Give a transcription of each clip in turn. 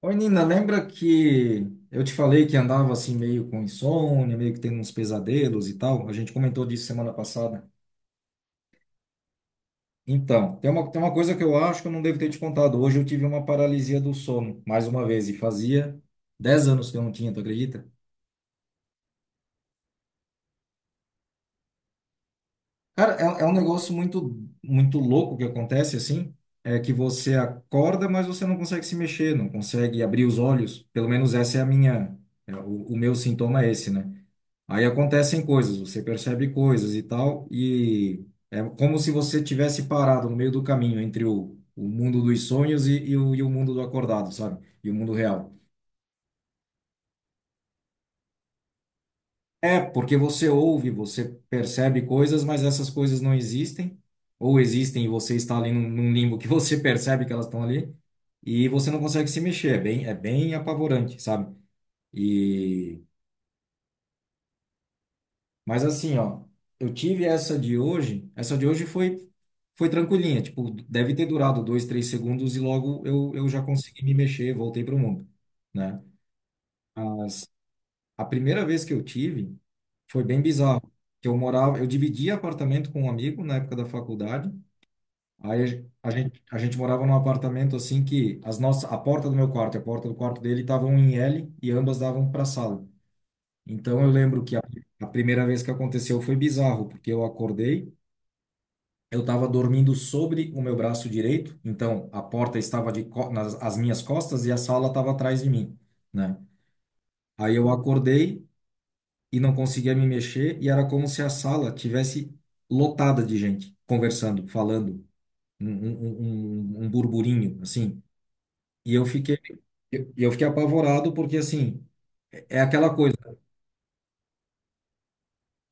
Oi, Nina, lembra que eu te falei que andava assim meio com insônia, meio que tendo uns pesadelos e tal? A gente comentou disso semana passada. Então, tem uma coisa que eu acho que eu não devo ter te contado. Hoje eu tive uma paralisia do sono, mais uma vez, e fazia 10 anos que eu não tinha, tu acredita? Cara, é um negócio muito, muito louco que acontece assim. É que você acorda, mas você não consegue se mexer, não consegue abrir os olhos. Pelo menos essa é a minha, o meu sintoma é esse, né? Aí acontecem coisas, você percebe coisas e tal, e é como se você tivesse parado no meio do caminho entre o mundo dos sonhos e o mundo do acordado, sabe? E o mundo real. É, porque você ouve, você percebe coisas, mas essas coisas não existem, ou existem e você está ali num limbo que você percebe que elas estão ali, e você não consegue se mexer, é bem apavorante, sabe? E, mas assim, ó, eu tive essa de hoje foi tranquilinha, tipo, deve ter durado dois, três segundos e logo eu já consegui me mexer, voltei para o mundo, né? A primeira vez que eu tive foi bem bizarro, que eu morava, eu dividia apartamento com um amigo na época da faculdade. Aí a gente morava num apartamento assim que a porta do meu quarto e a porta do quarto dele estavam em L e ambas davam para a sala. Então eu lembro que a primeira vez que aconteceu foi bizarro, porque eu acordei, eu estava dormindo sobre o meu braço direito, então a porta estava nas as minhas costas e a sala estava atrás de mim, né? Aí eu acordei e não conseguia me mexer, e era como se a sala tivesse lotada de gente conversando, falando, um burburinho, assim. E eu fiquei apavorado porque, assim, é aquela coisa,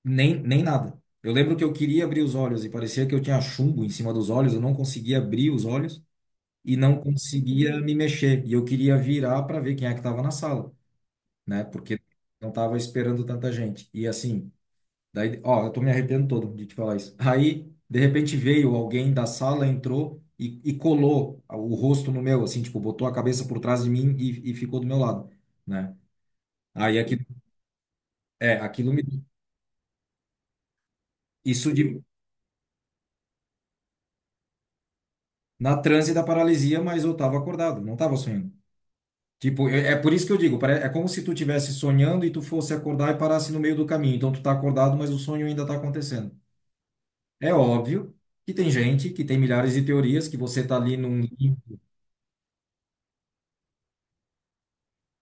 nem nada. Eu lembro que eu queria abrir os olhos e parecia que eu tinha chumbo em cima dos olhos, eu não conseguia abrir os olhos e não conseguia me mexer. E eu queria virar para ver quem é que estava na sala, né? Porque não estava esperando tanta gente. E assim, daí, ó, eu tô me arrependendo todo de te falar isso. Aí, de repente, veio alguém da sala, entrou e colou o rosto no meu, assim, tipo, botou a cabeça por trás de mim e ficou do meu lado, né? Aí aquilo, aquilo me. Isso de, na transe da paralisia, mas eu tava acordado, não tava sonhando. Tipo, é por isso que eu digo, é como se tu tivesse sonhando e tu fosse acordar e parasse no meio do caminho. Então tu tá acordado, mas o sonho ainda tá acontecendo. É óbvio que tem gente que tem milhares de teorias, que você tá ali num.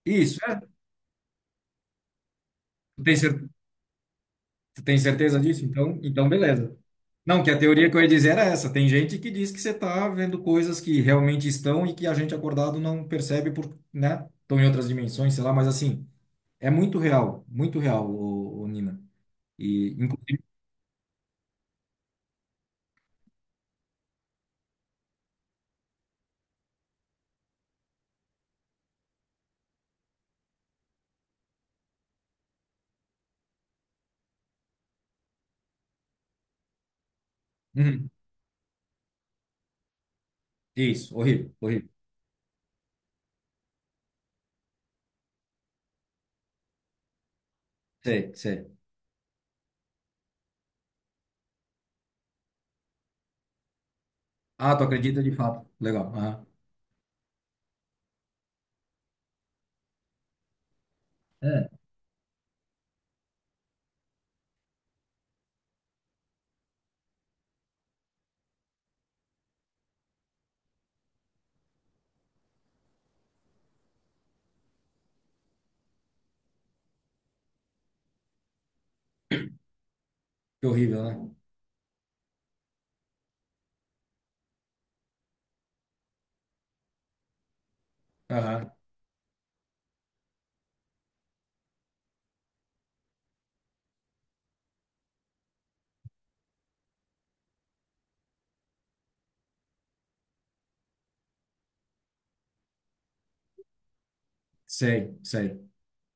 Isso, é. Tem certeza Você tem certeza disso? Então beleza. Não, que a teoria que eu ia dizer era essa. Tem gente que diz que você está vendo coisas que realmente estão e que a gente acordado não percebe por, né? Estão em outras dimensões, sei lá, mas assim, é muito real, muito real, ô, Nina. E, inclusive. Uhum. Isso, horrível, horrível. Sei, sei. Ah, tu acredita de fato. Legal. Aham. É. Que horrível, né? Aham. Sei, sei.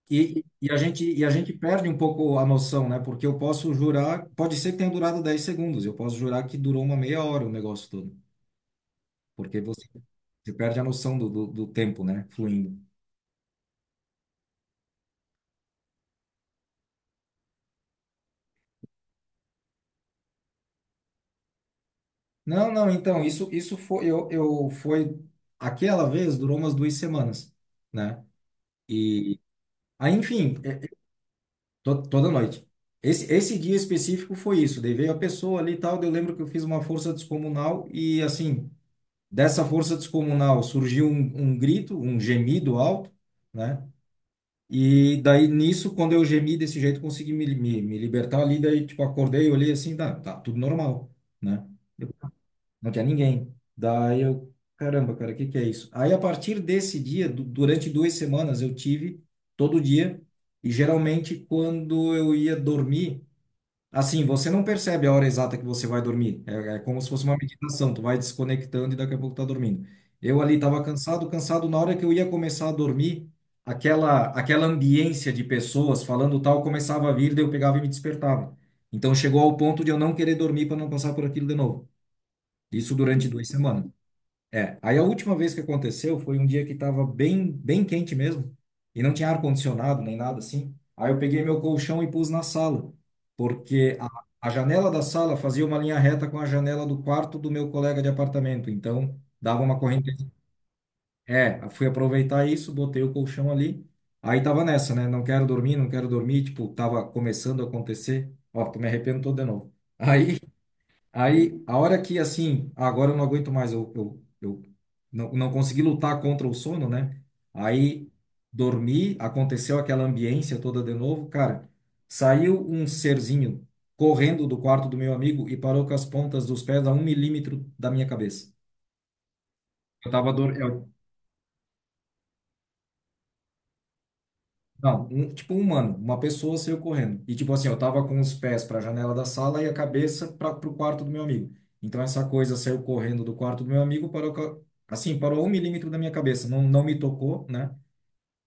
E a gente perde um pouco a noção, né? Porque eu posso jurar, pode ser que tenha durado 10 segundos, eu posso jurar que durou uma meia hora o negócio todo, porque você perde a noção do tempo, né? Fluindo. Não, não, então, isso foi, eu, foi, aquela vez durou umas 2 semanas, né? E, aí, enfim, toda noite. Esse dia específico foi isso, daí veio a pessoa ali e tal, daí eu lembro que eu fiz uma força descomunal e, assim, dessa força descomunal surgiu um grito, um gemido alto, né? E daí nisso, quando eu gemi desse jeito, consegui me libertar ali. Daí, tipo, acordei, olhei assim, tá, tá tudo normal, né? Eu- Não tinha ninguém. Daí eu, caramba, cara, o que que é isso? Aí a partir desse dia, durante 2 semanas, eu tive todo dia. E geralmente, quando eu ia dormir, assim, você não percebe a hora exata que você vai dormir. É como se fosse uma meditação. Tu vai desconectando e daqui a pouco tá dormindo. Eu ali estava cansado, cansado. Na hora que eu ia começar a dormir, aquela ambiência de pessoas falando tal começava a vir, daí eu pegava e me despertava. Então chegou ao ponto de eu não querer dormir para não passar por aquilo de novo. Isso durante 2 semanas. É, aí a última vez que aconteceu foi um dia que estava bem, bem quente mesmo, e não tinha ar-condicionado nem nada assim. Aí eu peguei meu colchão e pus na sala, porque a janela da sala fazia uma linha reta com a janela do quarto do meu colega de apartamento, então dava uma correnteza. É, fui aproveitar isso, botei o colchão ali, aí tava nessa, né? Não quero dormir, não quero dormir, tipo, tava começando a acontecer. Ó, tô me arrependo todo de novo. Aí Aí, a hora que, assim, agora eu não aguento mais, eu não consegui lutar contra o sono, né? Aí, dormi, aconteceu aquela ambiência toda de novo, cara. Saiu um serzinho correndo do quarto do meu amigo e parou com as pontas dos pés a um milímetro da minha cabeça. Eu tava, dor... eu Não, tipo um humano, uma pessoa saiu correndo. E tipo assim, eu tava com os pés para a janela da sala e a cabeça para pro quarto do meu amigo. Então essa coisa saiu correndo do quarto do meu amigo, parou assim, parou um milímetro da minha cabeça, não me tocou, né?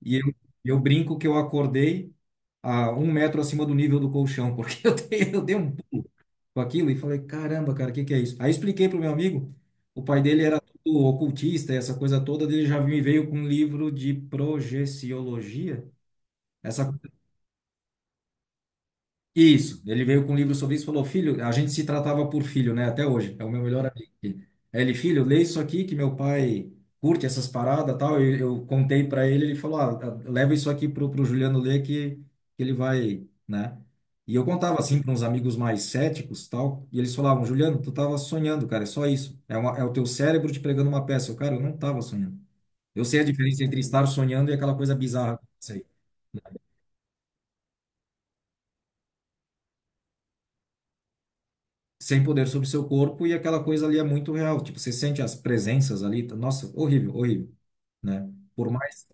E eu brinco que eu acordei a um metro acima do nível do colchão, porque eu dei um pulo com aquilo e falei, caramba, cara, o que que é isso? Aí expliquei pro meu amigo, o pai dele era todo ocultista, essa coisa toda, ele já me veio com um livro de projeciologia. Essa Isso, ele veio com um livro sobre isso e falou: filho, a gente se tratava por filho, né? Até hoje, é o meu melhor amigo. Aí ele, filho, lê isso aqui que meu pai curte essas paradas tal. Eu contei para ele, ele falou: ah, tá, leva isso aqui pro Juliano ler que ele vai, né? E eu contava assim para uns amigos mais céticos tal, e eles falavam: Juliano, tu tava sonhando, cara, é só isso. É o teu cérebro te pregando uma peça. Eu, cara, eu não tava sonhando. Eu sei a diferença entre estar sonhando e aquela coisa bizarra que eu sei. Sem poder sobre seu corpo e aquela coisa ali é muito real. Tipo, você sente as presenças ali. Nossa, horrível, horrível, né? Por mais.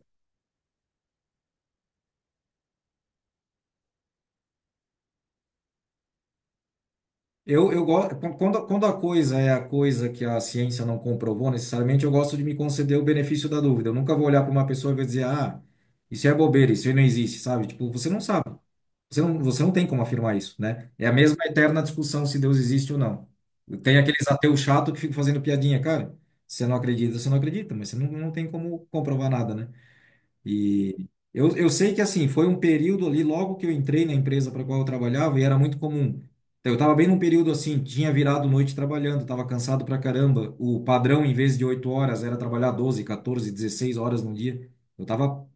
Eu gosto. Quando a coisa é a coisa que a ciência não comprovou necessariamente, eu gosto de me conceder o benefício da dúvida. Eu nunca vou olhar para uma pessoa e vou dizer, ah, isso é bobeira, isso aí não existe, sabe? Tipo, você não sabe. Você não tem como afirmar isso, né? É a mesma eterna discussão se Deus existe ou não. Tem aqueles ateus chato que ficam fazendo piadinha, cara. Você não acredita, mas você não tem como comprovar nada, né? E eu sei que assim, foi um período ali, logo que eu entrei na empresa para qual eu trabalhava, e era muito comum. Então, eu estava bem num período assim, tinha virado noite trabalhando, estava cansado pra caramba. O padrão, em vez de 8 horas, era trabalhar 12, 14, 16 horas no dia. Eu tava.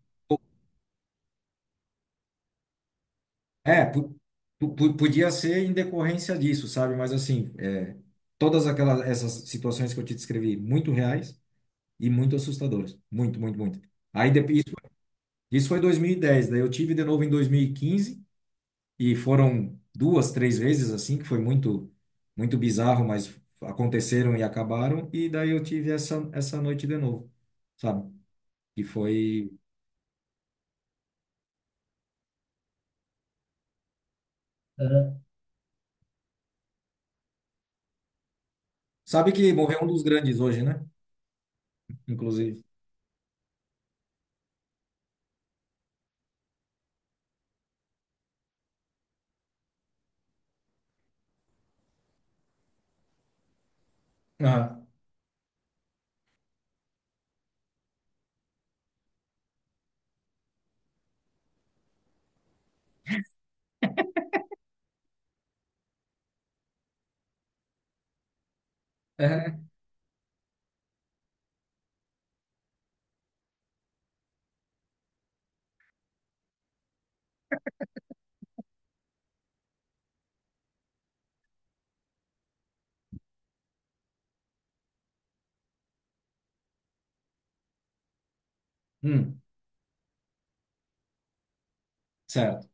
É, podia ser em decorrência disso, sabe? Mas assim, é, todas aquelas essas situações que eu te descrevi, muito reais e muito assustadoras. Muito, muito, muito. Aí depois, isso foi 2010. Daí eu tive de novo em 2015. E foram duas, três vezes assim, que foi muito, muito bizarro, mas aconteceram e acabaram. E daí eu tive essa noite de novo, sabe? Que foi. Aham. Sabe que morreu um dos grandes hoje, né? Inclusive. Aham. É, né? Hum, certo.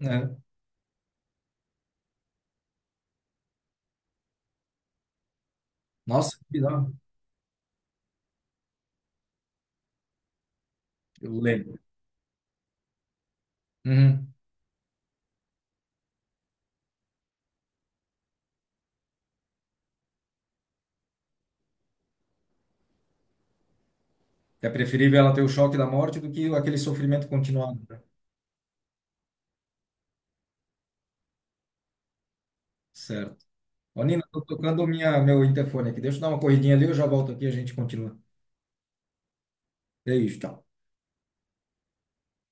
É. Nossa, que bizarro. Eu lembro. Uhum. É preferível ela ter o choque da morte do que aquele sofrimento continuado, né? Certo. Ô, Nina, tô tocando meu interfone aqui. Deixa eu dar uma corridinha ali, eu já volto aqui e a gente continua. É isso, tchau.